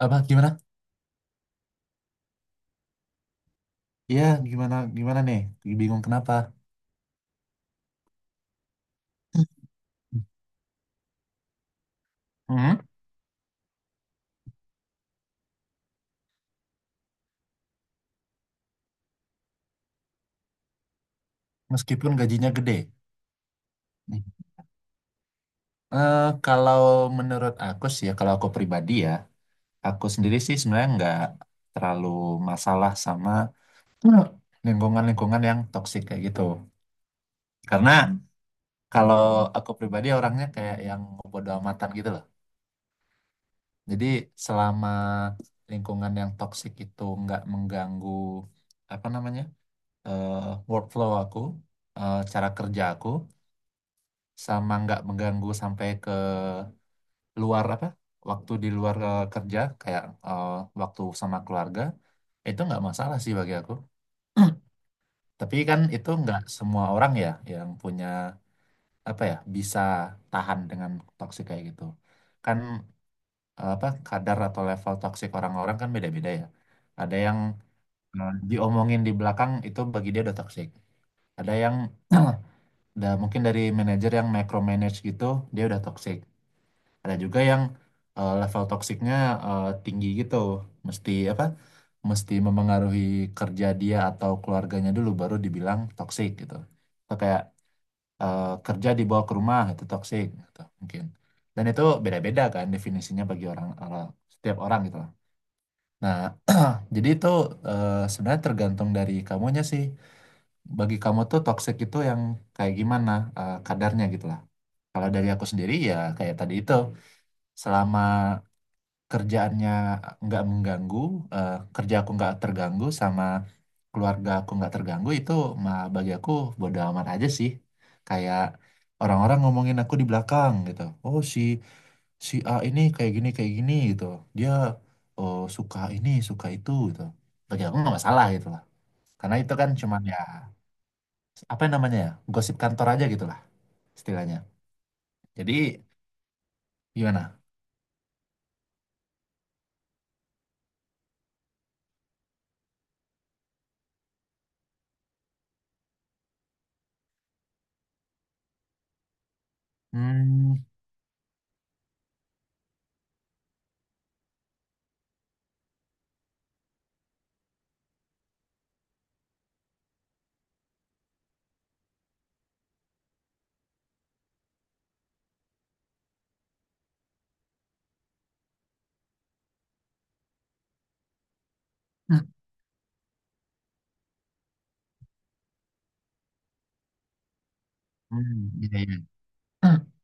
Apa gimana? Iya, gimana gimana nih? Bingung kenapa? Hmm, Meskipun gajinya gede. Hmm. Kalau menurut aku sih ya, kalau aku pribadi ya, aku sendiri sih sebenarnya nggak terlalu masalah sama eh, lingkungan-lingkungan yang toksik kayak gitu. Karena kalau aku pribadi orangnya kayak yang bodo amatan gitu loh. Jadi selama lingkungan yang toksik itu nggak mengganggu apa namanya? eh, Workflow aku, cara kerja aku, sama nggak mengganggu sampai ke luar apa, waktu di luar kerja, kayak waktu sama keluarga, itu nggak masalah sih bagi aku. Tapi kan itu nggak semua orang ya yang punya apa ya bisa tahan dengan toksik kayak gitu. Kan apa kadar atau level toksik orang-orang kan beda-beda ya. Ada yang diomongin di belakang itu bagi dia udah toksik. Ada yang mungkin dari manajer yang micromanage gitu, dia udah toxic. Ada juga yang level toksiknya tinggi gitu, mesti apa mesti memengaruhi kerja dia atau keluarganya dulu baru dibilang toxic gitu. Atau kayak kerja dibawa ke rumah itu toxic gitu mungkin. Dan itu beda-beda kan definisinya bagi orang orang setiap orang gitu lah. Nah, jadi itu sebenarnya tergantung dari kamunya sih. Bagi kamu tuh toxic itu yang kayak gimana kadarnya gitu lah. Kalau dari aku sendiri ya kayak tadi itu, selama kerjaannya nggak mengganggu, kerja aku nggak terganggu, sama keluarga aku nggak terganggu, itu mah bagi aku bodo amat aja sih. Kayak orang-orang ngomongin aku di belakang gitu. Oh, si si A ini kayak gini gitu. Dia, oh, suka ini suka itu gitu. Bagi aku nggak masalah gitu lah. Karena itu kan cuman ya apa namanya ya gosip kantor aja gitu lah istilahnya. Jadi gimana? Hmm. Hmm, iya, iya.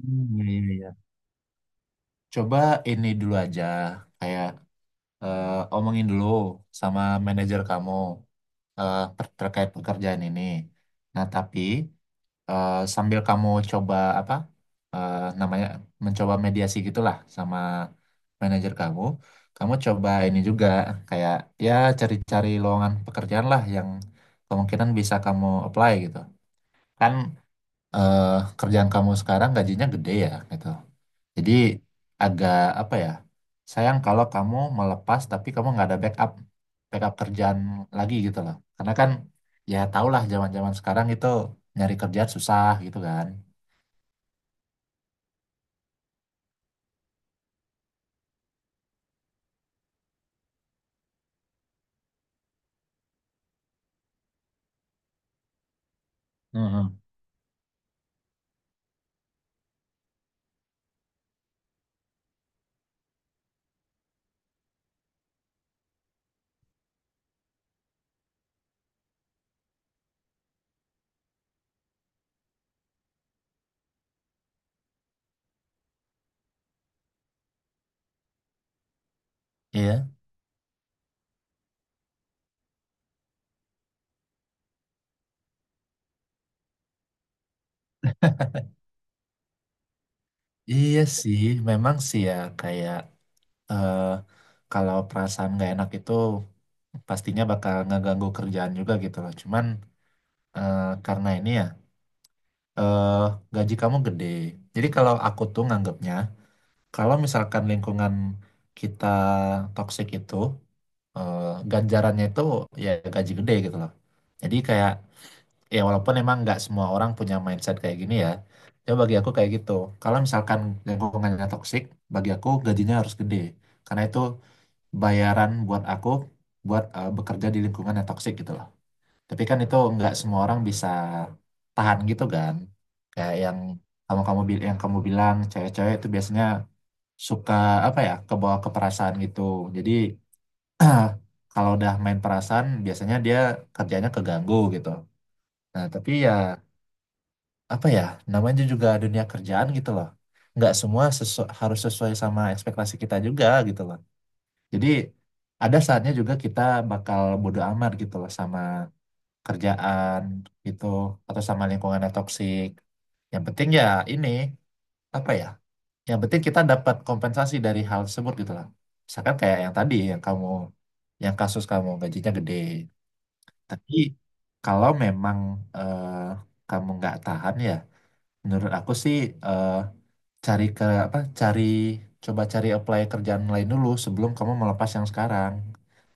Hmm, iya, iya, iya. Coba ini dulu aja, kayak omongin dulu sama manajer kamu, terkait pekerjaan ini. Nah, tapi sambil kamu coba apa namanya mencoba mediasi gitulah sama manajer kamu, kamu coba ini juga kayak ya cari-cari lowongan pekerjaan lah yang kemungkinan bisa kamu apply gitu. Kan eh, kerjaan kamu sekarang gajinya gede ya gitu. Jadi agak apa ya? Sayang kalau kamu melepas tapi kamu nggak ada backup backup kerjaan lagi gitu loh. Karena kan ya tau lah zaman-zaman sekarang itu nyari kerjaan susah gitu kan. Mhm. Iya. Iya sih, memang sih ya kayak eh, kalau perasaan nggak enak itu pastinya bakal ngeganggu kerjaan juga gitu loh. Cuman eh, karena ini ya eh, gaji kamu gede. Jadi kalau aku tuh nganggapnya kalau misalkan lingkungan kita toksik itu, eh, ganjarannya itu ya gaji gede gitu loh. Jadi kayak ya walaupun emang nggak semua orang punya mindset kayak gini ya, ya bagi aku kayak gitu. Kalau misalkan lingkungannya toksik, bagi aku gajinya harus gede. Karena itu bayaran buat aku buat bekerja di lingkungan yang toksik gitu loh. Tapi kan itu nggak semua orang bisa tahan gitu kan. Kayak yang kamu kamu yang kamu bilang, cewek-cewek itu biasanya suka apa ya kebawa ke perasaan gitu. Jadi kalau udah main perasaan biasanya dia kerjanya keganggu gitu. Nah tapi ya apa ya, namanya juga dunia kerjaan gitu loh, nggak semua harus sesuai sama ekspektasi kita juga gitu loh. Jadi ada saatnya juga kita bakal bodo amat gitu loh sama kerjaan gitu, atau sama lingkungan yang toksik. Yang penting ya ini apa ya, yang penting kita dapat kompensasi dari hal tersebut gitu lah. Misalkan kayak yang tadi, yang kasus kamu gajinya gede. Tapi kalau memang eh, kamu nggak tahan ya, menurut aku sih eh, cari ke apa cari coba cari apply kerjaan lain dulu sebelum kamu melepas yang sekarang.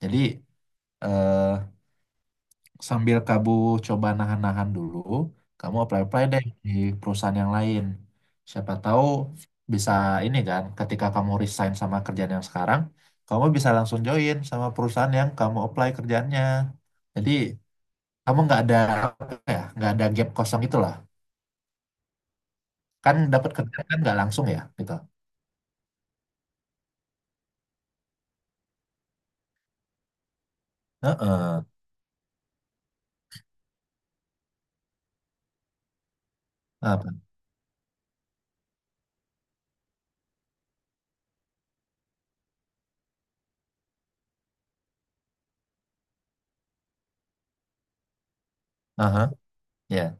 Jadi eh, sambil kamu coba nahan-nahan dulu, kamu apply-apply deh di perusahaan yang lain. Siapa tahu bisa, ini kan ketika kamu resign sama kerjaan yang sekarang, kamu bisa langsung join sama perusahaan yang kamu apply kerjaannya. Jadi kamu nggak ada apa ya, nggak ada gap kosong itulah. Kan dapat kerjaan kan nggak langsung ya, gitu. Heeh. Apa? Aha, ya,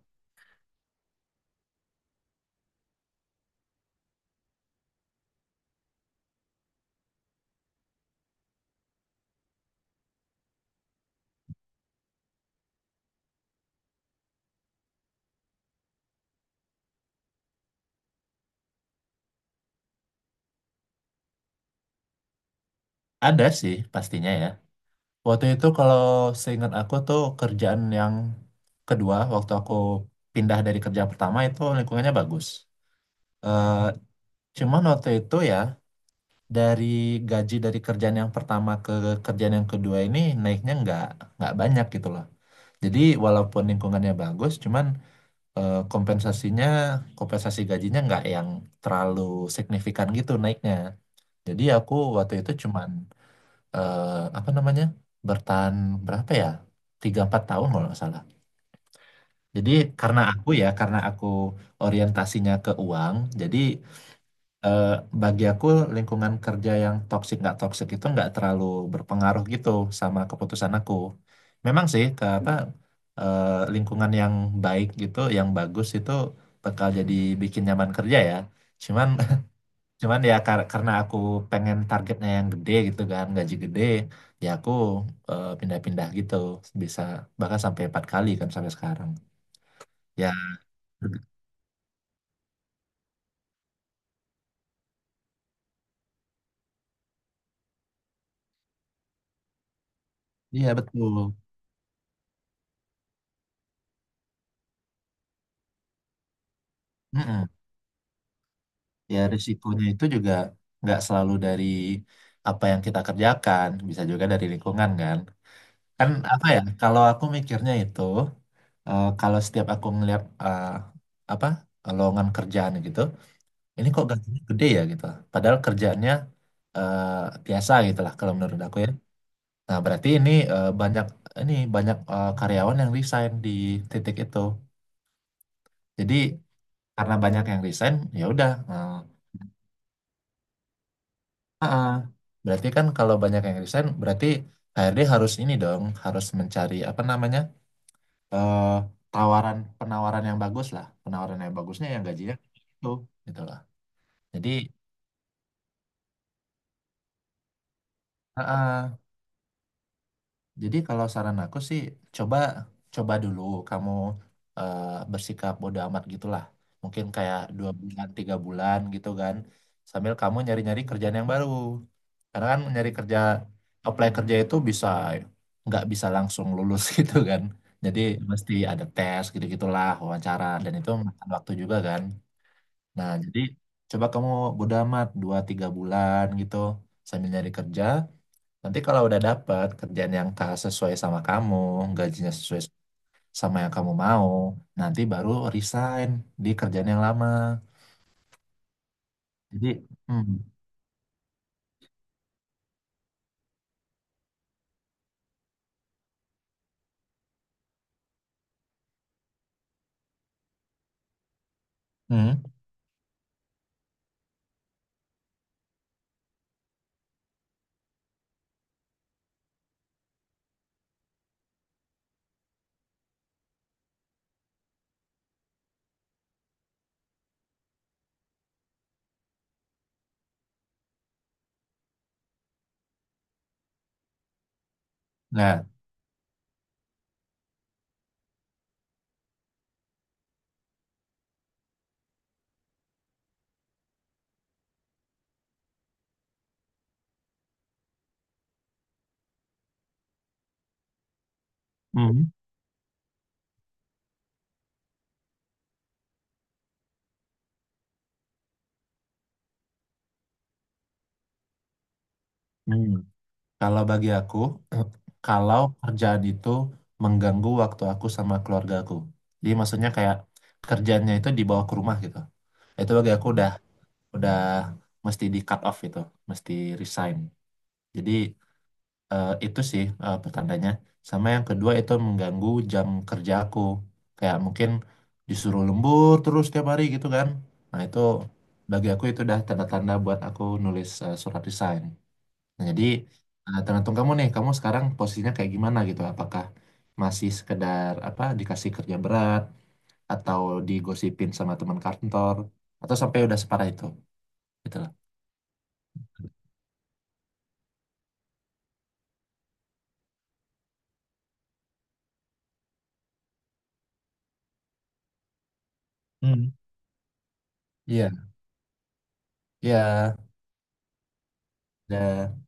ada sih pastinya ya. Waktu itu kalau seingat aku tuh kerjaan yang kedua waktu aku pindah dari kerja pertama itu lingkungannya bagus. Eh, cuman waktu itu ya dari gaji dari kerjaan yang pertama ke kerjaan yang kedua ini naiknya nggak banyak gitu loh. Jadi walaupun lingkungannya bagus, cuman eh, kompensasinya kompensasi gajinya nggak yang terlalu signifikan gitu naiknya. Jadi aku waktu itu cuman eh, apa namanya bertahan berapa ya 3-4 tahun kalau nggak salah. Jadi karena aku orientasinya ke uang. Jadi eh, bagi aku lingkungan kerja yang toksik nggak toksik itu nggak terlalu berpengaruh gitu sama keputusan aku. Memang sih ke apa eh, lingkungan yang baik gitu, yang bagus itu bakal jadi bikin nyaman kerja ya. Cuman Cuman ya karena aku pengen targetnya yang gede gitu kan, gaji gede, ya aku pindah-pindah gitu. Bisa bahkan sampai 4 kali kan sampai sekarang. Ya, iya betul. Mm-mm. Ya risikonya itu juga nggak selalu dari apa yang kita kerjakan, bisa juga dari lingkungan kan. Kan apa ya, kalau aku mikirnya itu, kalau setiap aku ngeliat apa lowongan kerjaan gitu, ini kok gajinya gede ya gitu. Padahal kerjaannya eh, biasa gitulah kalau menurut aku ya. Nah, berarti ini banyak karyawan yang resign di titik itu. Jadi karena banyak yang resign, ya udah. Ah, ah. Berarti kan kalau banyak yang resign, berarti HRD harus ini dong, harus mencari apa namanya eh, penawaran yang bagus lah, penawaran yang bagusnya yang gajinya itu, gitulah. Jadi, ah, ah. Jadi kalau saran aku sih coba coba dulu, kamu eh, bersikap bodo amat gitulah. Mungkin kayak 2 bulan 3 bulan gitu kan. Sambil kamu nyari-nyari kerjaan yang baru. Karena kan nyari kerja apply kerja itu nggak bisa langsung lulus gitu kan. Jadi mesti ada tes gitu-gitulah, wawancara, dan itu makan waktu juga kan. Nah jadi coba kamu bodo amat 2-3 bulan gitu sambil nyari kerja. Nanti kalau udah dapat kerjaan yang sesuai sama kamu, gajinya sesuai sama yang kamu mau, nanti baru resign di kerjaan yang lama. Jadi, hmm, hmm, nah, hmm, hmm. Kalau bagi aku, kalau kerjaan itu mengganggu waktu aku sama keluarga aku, jadi maksudnya kayak kerjaannya itu dibawa ke rumah gitu. Itu bagi aku udah mesti di cut off, itu mesti resign. Jadi itu sih pertandanya. Sama yang kedua itu mengganggu jam kerja aku. Kayak mungkin disuruh lembur terus tiap hari gitu kan. Nah itu bagi aku itu udah tanda-tanda buat aku nulis surat resign. Nah, jadi tergantung kamu nih, kamu sekarang posisinya kayak gimana gitu. Apakah masih sekedar apa dikasih kerja berat, atau digosipin sama teman kantor, atau sampai udah separah itu gitu loh. Hmm. Iya, iya. Dan